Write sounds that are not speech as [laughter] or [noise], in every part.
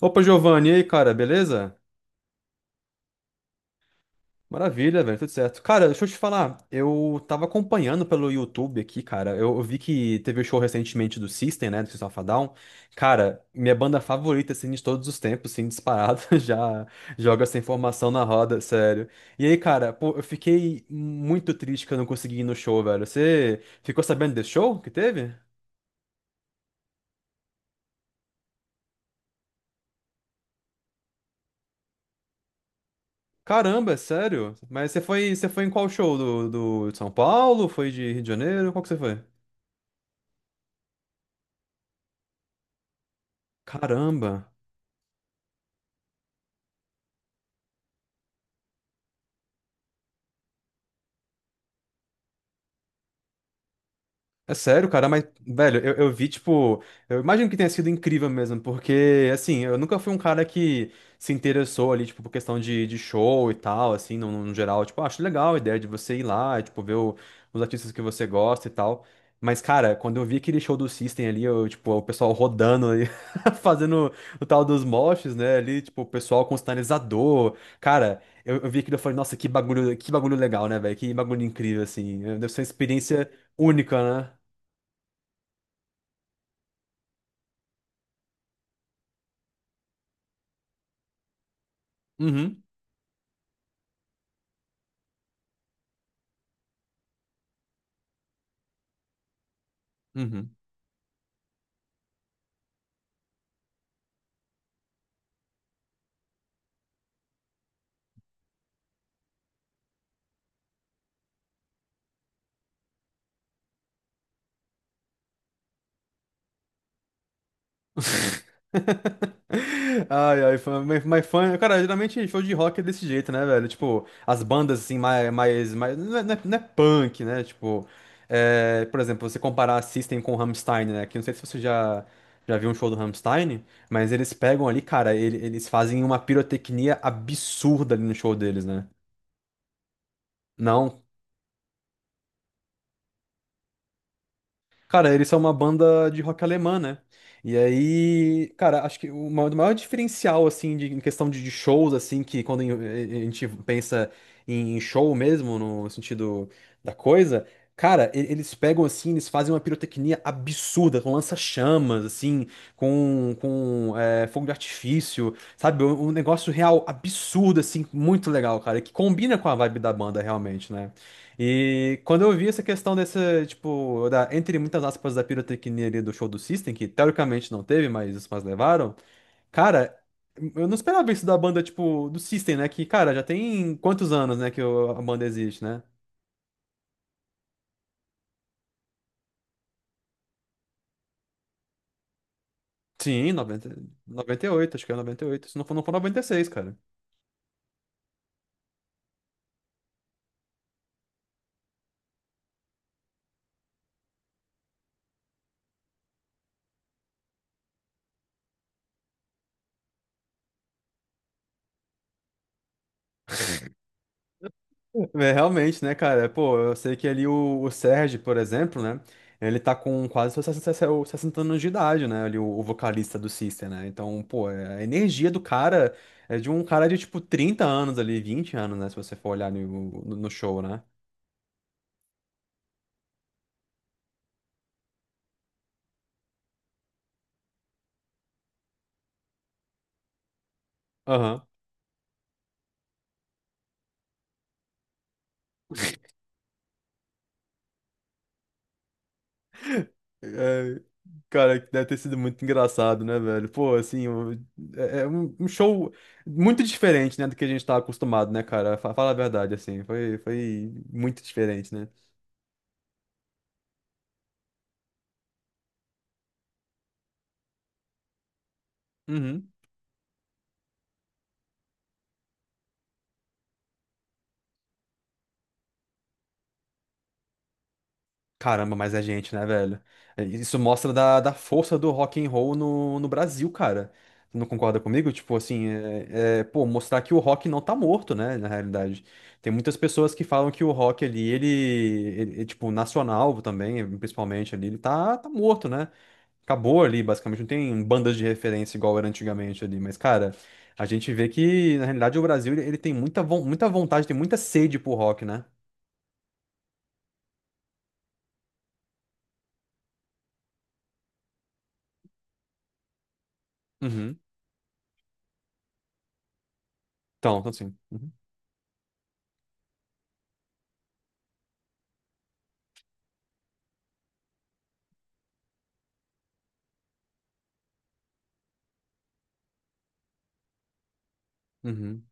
Opa, Giovanni, e aí, cara, beleza? Maravilha, velho, tudo certo. Cara, deixa eu te falar, eu tava acompanhando pelo YouTube aqui, cara. Eu vi que teve o show recentemente do System, né, do System of a Down. Cara, minha banda favorita, assim, de todos os tempos, assim, disparado, [laughs] já joga essa informação na roda, sério. E aí, cara, pô, eu fiquei muito triste que eu não consegui ir no show, velho. Você ficou sabendo desse show que teve? Caramba, é sério? Mas você foi em qual show? Do de São Paulo? Foi de Rio de Janeiro? Qual que você foi? Caramba! É sério, cara, mas, velho, eu vi, tipo, eu imagino que tenha sido incrível mesmo, porque, assim, eu nunca fui um cara que se interessou ali, tipo, por questão de show e tal, assim, no geral, tipo, ah, acho legal a ideia de você ir lá, e, tipo, ver os artistas que você gosta e tal, mas, cara, quando eu vi aquele show do System ali, eu, tipo, o pessoal rodando ali, [laughs] fazendo o tal dos moshes, né, ali, tipo, o pessoal com sinalizador, cara, eu vi aquilo e falei, nossa, que bagulho legal, né, velho, que bagulho incrível, assim, deve ser uma experiência única, né? Uhum, uhum. [laughs] Ai, ai, fã, mas fã. Cara, geralmente show de rock é desse jeito, né, velho? Tipo, as bandas assim, mais não é punk, né? Tipo, por exemplo, você comparar System com Rammstein, né? Que eu não sei se você já viu um show do Rammstein, mas eles pegam ali, cara, eles fazem uma pirotecnia absurda ali no show deles, né? Não. Cara, eles são uma banda de rock alemã, né? E aí, cara, acho que o maior diferencial, assim, em questão de shows, assim, que quando a gente pensa em show mesmo, no sentido da coisa, cara, eles pegam, assim, eles fazem uma pirotecnia absurda, com lança-chamas, assim, com fogo de artifício, sabe? Um negócio real absurdo, assim, muito legal, cara, que combina com a vibe da banda, realmente, né? E quando eu vi essa questão dessa, tipo, da, entre muitas aspas, da pirotecnia ali do show do System, que teoricamente não teve, mas os fãs levaram, cara, eu não esperava isso da banda, tipo, do System, né? Que, cara, já tem quantos anos, né, que a banda existe, né? Sim, noventa e oito acho que é 98. Se não for noventa e seis, cara. É, realmente, né, cara? Pô, eu sei que ali o Sérgio, por exemplo, né? Ele tá com quase seus 60 60 anos de idade, né? Ali, o vocalista do System, né? Então, pô, a energia do cara é de um cara de tipo 30 anos ali, 20 anos, né? Se você for olhar no show, né? Aham. É, cara, que deve ter sido muito engraçado, né, velho? Pô, assim, é um show muito diferente, né, do que a gente tá acostumado, né, cara? Fala a verdade, assim, foi muito diferente, né? Uhum. Caramba, mas é gente, né, velho? É, isso mostra da força do rock and roll no Brasil, cara. Você não concorda comigo? Tipo assim, pô, mostrar que o rock não tá morto, né, na realidade. Tem muitas pessoas que falam que o rock ali, ele é, tipo, nacional também, principalmente ali, ele tá morto, né? Acabou ali, basicamente, não tem bandas de referência igual era antigamente ali, mas, cara, a gente vê que, na realidade, o Brasil, ele tem muita vontade, tem muita sede pro rock, né? Uhum. Então assim. Uhum, uhum.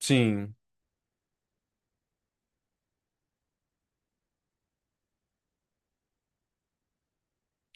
Sim.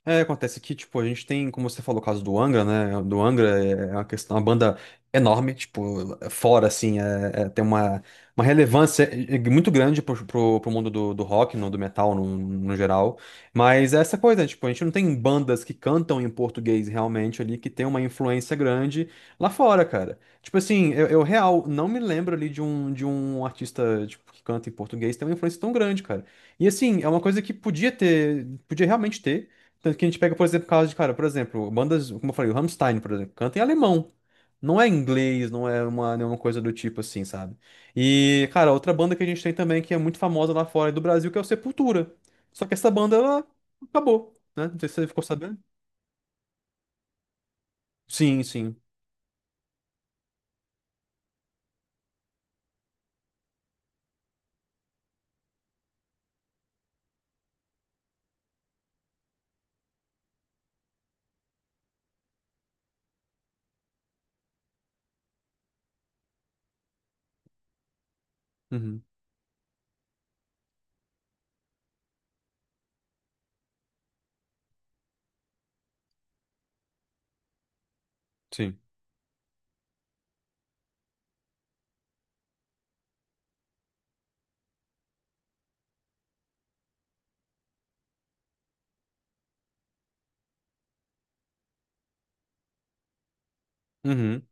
É, acontece que, tipo, a gente tem, como você falou, o caso do Angra, né? Do Angra é uma questão, é uma banda enorme, tipo, é fora, assim, tem uma relevância muito grande pro, pro mundo do rock, do metal, no geral. Mas é essa coisa, né? Tipo, a gente não tem bandas que cantam em português realmente ali, que tem uma influência grande lá fora, cara. Tipo assim, eu real não me lembro ali de um, artista, tipo, que canta em português, tem uma influência tão grande, cara. E assim, é uma coisa que podia ter, podia realmente ter. Tanto que a gente pega, por exemplo, casos de, cara, por exemplo, bandas, como eu falei, o Rammstein, por exemplo, canta em alemão. Não é inglês, não é nenhuma coisa do tipo assim, sabe? E, cara, outra banda que a gente tem também que é muito famosa lá fora do Brasil, que é o Sepultura. Só que essa banda, ela acabou, né? Não sei se você ficou sabendo. Sim, sim. Uhum, sim. Uhum.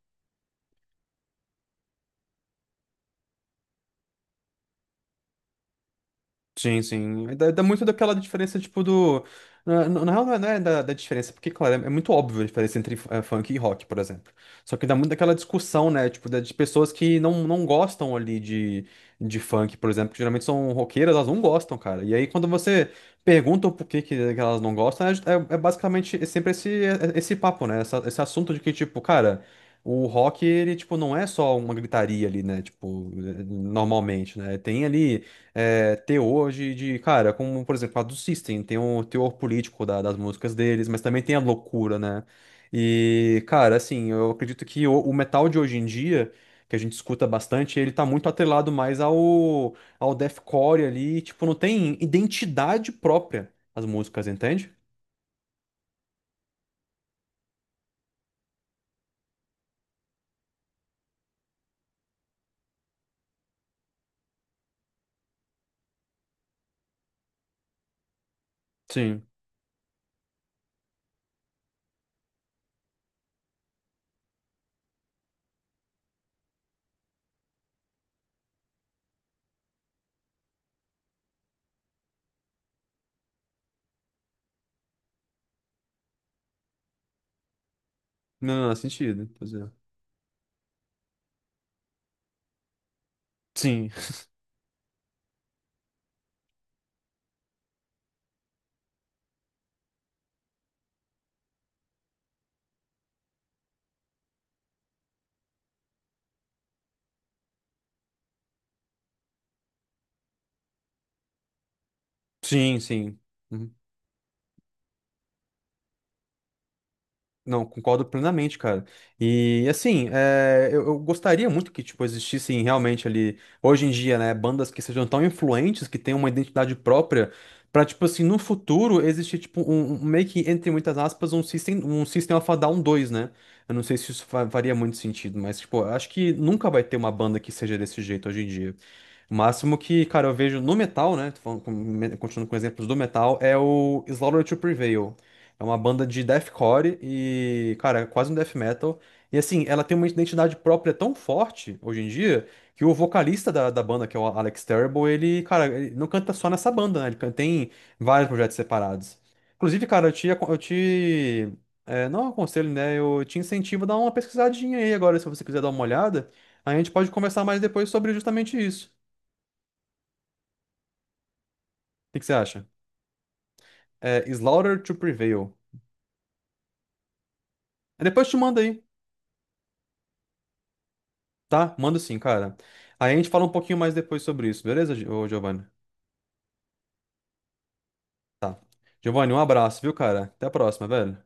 Sim, sim. Dá muito daquela diferença, tipo, do. Na real, não é da diferença, porque, claro, é muito óbvio a diferença entre funk e rock, por exemplo. Só que dá muito daquela discussão, né? Tipo, de pessoas que não gostam ali de funk, por exemplo, que geralmente são roqueiras, elas não gostam, cara. E aí, quando você pergunta o porquê que elas não gostam, é basicamente é sempre esse, esse papo, né? Esse assunto de que, tipo, cara. O rock, ele, tipo, não é só uma gritaria ali, né? Tipo, normalmente, né? Tem ali teor de cara, como, por exemplo, a do System, tem um teor político das músicas deles, mas também tem a loucura, né? E, cara, assim, eu acredito que o metal de hoje em dia, que a gente escuta bastante, ele tá muito atrelado mais ao deathcore ali, tipo, não tem identidade própria as músicas, entende? Sim. Não, não, não, sentido. Pois é. Sim, [laughs] sim, sim. Não, concordo plenamente, cara. E assim, eu gostaria muito que tipo existissem realmente ali hoje em dia, né, bandas que sejam tão influentes, que tenham uma identidade própria, pra, tipo assim, no futuro existir tipo um, meio que entre muitas aspas um System of a Down 2, né? Eu não sei se isso faria muito sentido, mas tipo, eu acho que nunca vai ter uma banda que seja desse jeito hoje em dia. O máximo que, cara, eu vejo no metal, né? Tô falando continuando com exemplos do metal, é o Slaughter to Prevail. É uma banda de deathcore e, cara, é quase um death metal. E assim, ela tem uma identidade própria tão forte hoje em dia que o vocalista da banda, que é o Alex Terrible, ele, cara, ele não canta só nessa banda, né? Ele tem vários projetos separados. Inclusive, cara, eu te não aconselho, né? Eu te incentivo a dar uma pesquisadinha aí agora, se você quiser dar uma olhada. Aí a gente pode conversar mais depois sobre justamente isso. O que que você acha? É Slaughter to Prevail. Aí, depois eu te manda aí, tá? Manda sim, cara. Aí a gente fala um pouquinho mais depois sobre isso, beleza, ô Giovanni? Giovanni, um abraço, viu, cara? Até a próxima, velho.